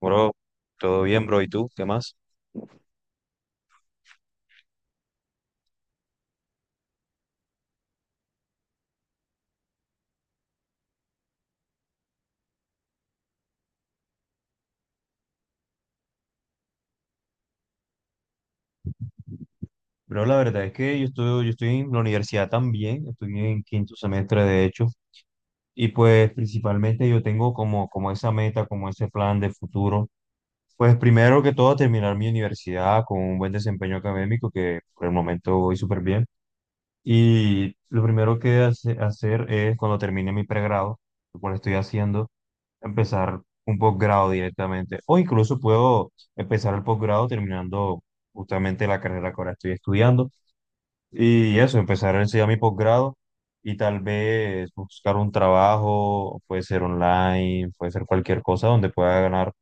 Bro, todo bien, bro. ¿Y tú? ¿Qué más? Bro, la verdad es que yo estoy en la universidad también, estoy en quinto semestre de hecho, y pues principalmente yo tengo como esa meta, como ese plan de futuro, pues primero que todo terminar mi universidad con un buen desempeño académico, que por el momento voy súper bien, y lo primero que hacer es cuando termine mi pregrado, lo cual estoy haciendo, empezar un posgrado directamente. O incluso puedo empezar el posgrado terminando justamente la carrera que ahora estoy estudiando. Y eso, empezar a enseñar mi posgrado y tal vez buscar un trabajo, puede ser online, puede ser cualquier cosa donde pueda ganar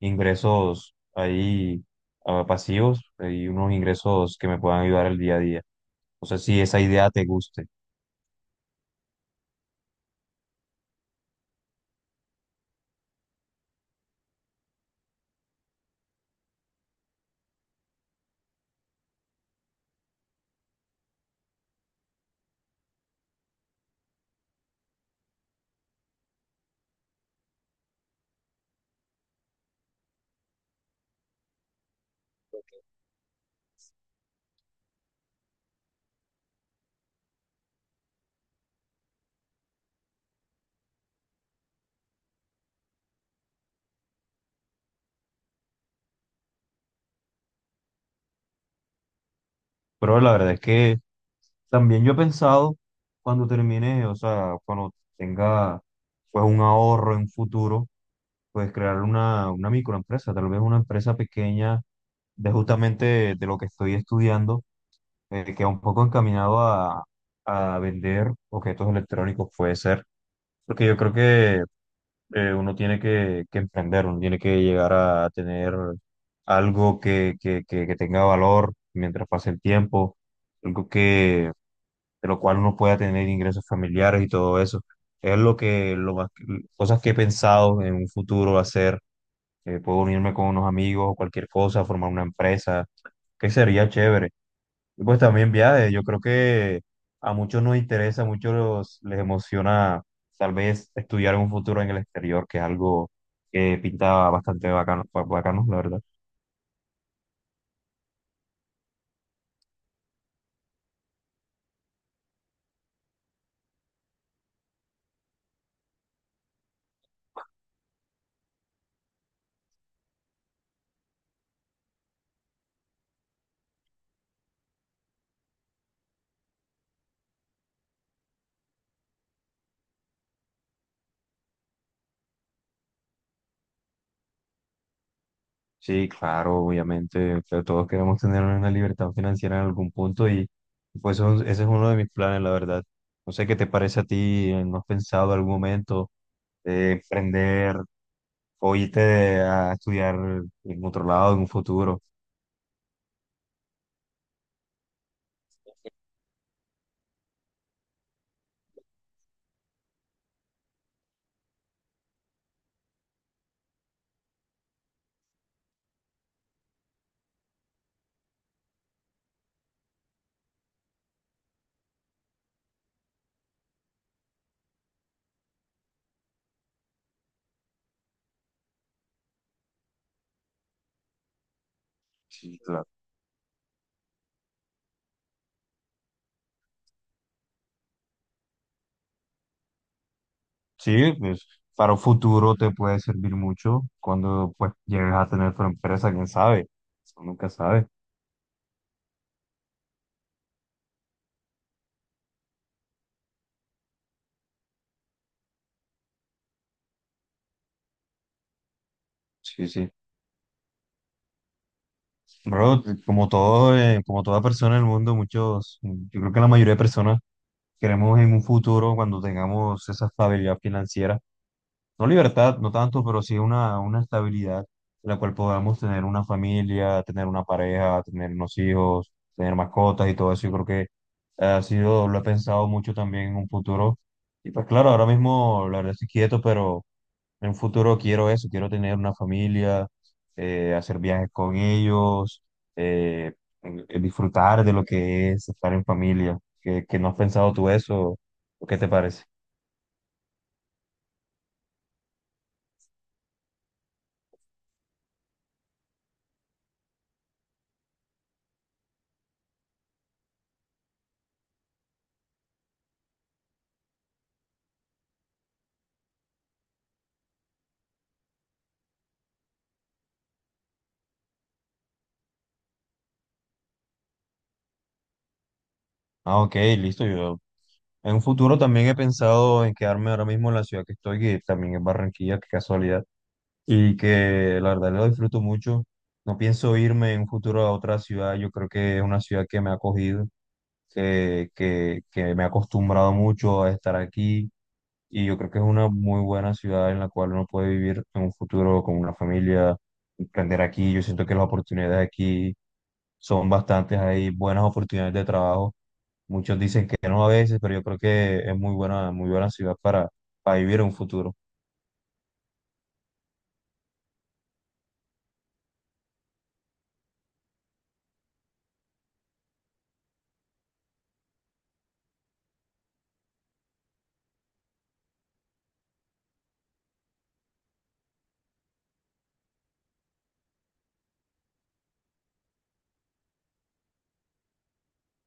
ingresos ahí, pasivos, y unos ingresos que me puedan ayudar el día a día. O sea, si esa idea te guste. Pero la verdad es que también yo he pensado cuando termine, o sea, cuando tenga pues un ahorro en futuro, pues crear una microempresa, tal vez una empresa pequeña de justamente de lo que estoy estudiando, que va un poco encaminado a vender objetos electrónicos, puede ser, porque yo creo que uno tiene que emprender, uno tiene que llegar a tener algo que tenga valor mientras pase el tiempo, algo que de lo cual uno pueda tener ingresos familiares y todo eso. Es lo que, lo más, cosas que he pensado en un futuro hacer. Puedo unirme con unos amigos o cualquier cosa, formar una empresa, que sería chévere. Y pues también viajes, yo creo que a muchos nos interesa, a muchos les emociona tal vez estudiar un futuro en el exterior, que es algo que pinta bastante bacano, bacano, la verdad. Sí, claro, obviamente, pero todos queremos tener una libertad financiera en algún punto y pues ese es uno de mis planes, la verdad. No sé qué te parece a ti, ¿no has pensado en algún momento, emprender o irte a estudiar en otro lado en un futuro? Sí, claro. Sí, pues para un futuro te puede servir mucho cuando pues llegues a tener tu empresa, quién sabe, uno nunca sabe. Sí, sí. Bro, como todo, como toda persona en el mundo, muchos, yo creo que la mayoría de personas queremos en un futuro, cuando tengamos esa estabilidad financiera, no libertad, no tanto, pero sí una estabilidad en la cual podamos tener una familia, tener una pareja, tener unos hijos, tener mascotas y todo eso. Yo creo que ha sido, lo he pensado mucho también en un futuro. Y pues claro, ahora mismo la verdad estoy quieto, pero en un futuro quiero eso, quiero tener una familia, hacer viajes con ellos, eh, disfrutar de lo que es estar en familia. ¿Qué, qué no has pensado tú eso? ¿O qué te parece? Ah, ok, listo. Yo en un futuro también he pensado en quedarme ahora mismo en la ciudad que estoy, que también es Barranquilla, qué casualidad. Y que la verdad lo disfruto mucho. No pienso irme en un futuro a otra ciudad. Yo creo que es una ciudad que me ha acogido, que me ha acostumbrado mucho a estar aquí. Y yo creo que es una muy buena ciudad en la cual uno puede vivir en un futuro con una familia, emprender aquí. Yo siento que las oportunidades aquí son bastantes. Hay buenas oportunidades de trabajo. Muchos dicen que no a veces, pero yo creo que es muy buena ciudad para vivir en un futuro.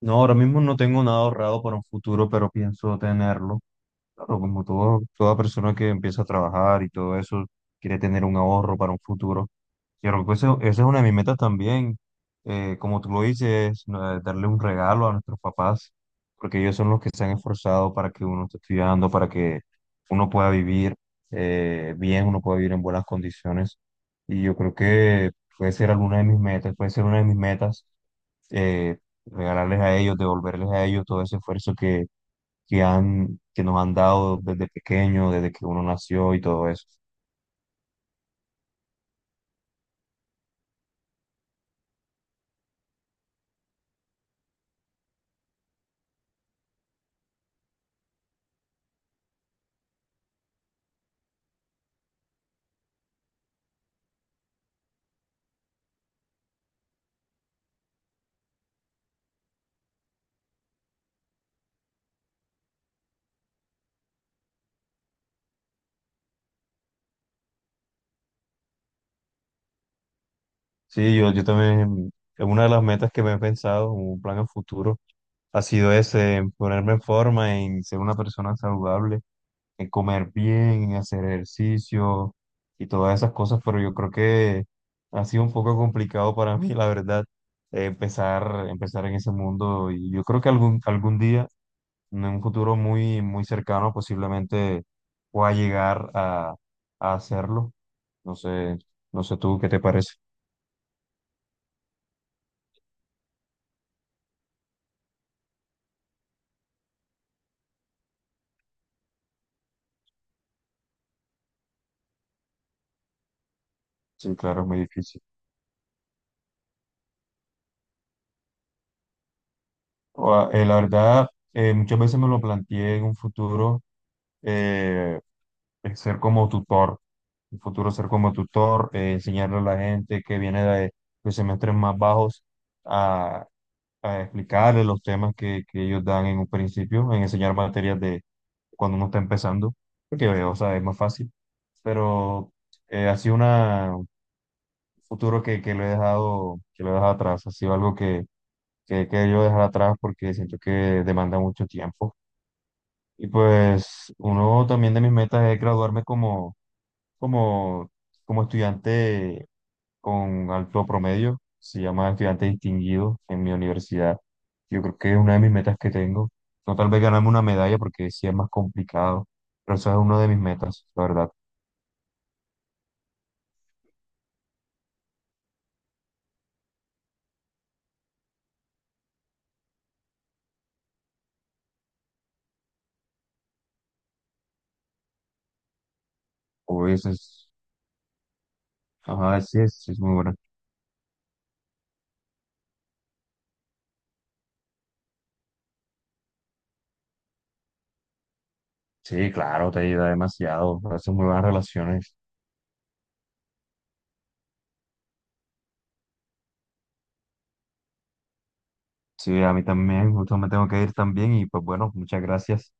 No, ahora mismo no tengo nada ahorrado para un futuro, pero pienso tenerlo. Claro, como todo, toda persona que empieza a trabajar y todo eso, quiere tener un ahorro para un futuro. Y creo que esa es una de mis metas también. Como tú lo dices, no, darle un regalo a nuestros papás, porque ellos son los que se han esforzado para que uno esté estudiando, para que uno pueda vivir bien, uno pueda vivir en buenas condiciones. Y yo creo que puede ser alguna de mis metas, puede ser una de mis metas, eh, regalarles a ellos, devolverles a ellos todo ese esfuerzo que han, que nos han dado desde pequeño, desde que uno nació y todo eso. Sí, yo también, es una de las metas que me he pensado, un plan a futuro, ha sido ese, en ponerme en forma, en ser una persona saludable, en comer bien, en hacer ejercicio y todas esas cosas, pero yo creo que ha sido un poco complicado para mí, la verdad, empezar en ese mundo, y yo creo que algún día en un futuro muy, muy cercano posiblemente pueda llegar a hacerlo. No sé, no sé tú qué te parece. Sí, claro, es muy difícil. La verdad, muchas veces me lo planteé en un futuro, eh, el ser como tutor, en un futuro ser como tutor, enseñarle a la gente que viene de semestres más bajos a, a explicarle los temas que ellos dan en un principio, en enseñar materias de cuando uno está empezando, porque, o sea, es más fácil. Pero ha sido una, un futuro que lo he dejado, que lo he dejado atrás, ha sido algo que he querido dejar atrás porque siento que demanda mucho tiempo. Y pues uno también de mis metas es graduarme como, como estudiante con alto promedio, se llama estudiante distinguido en mi universidad. Yo creo que es una de mis metas que tengo. No tal vez ganarme una medalla porque sí es más complicado, pero esa es una de mis metas, la verdad. O ese es, ajá, sí es muy buena. Sí, claro, te ayuda demasiado, haces muy buenas relaciones. Sí, a mí también, justo me tengo que ir también y pues bueno, muchas gracias.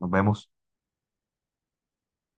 Nos vemos.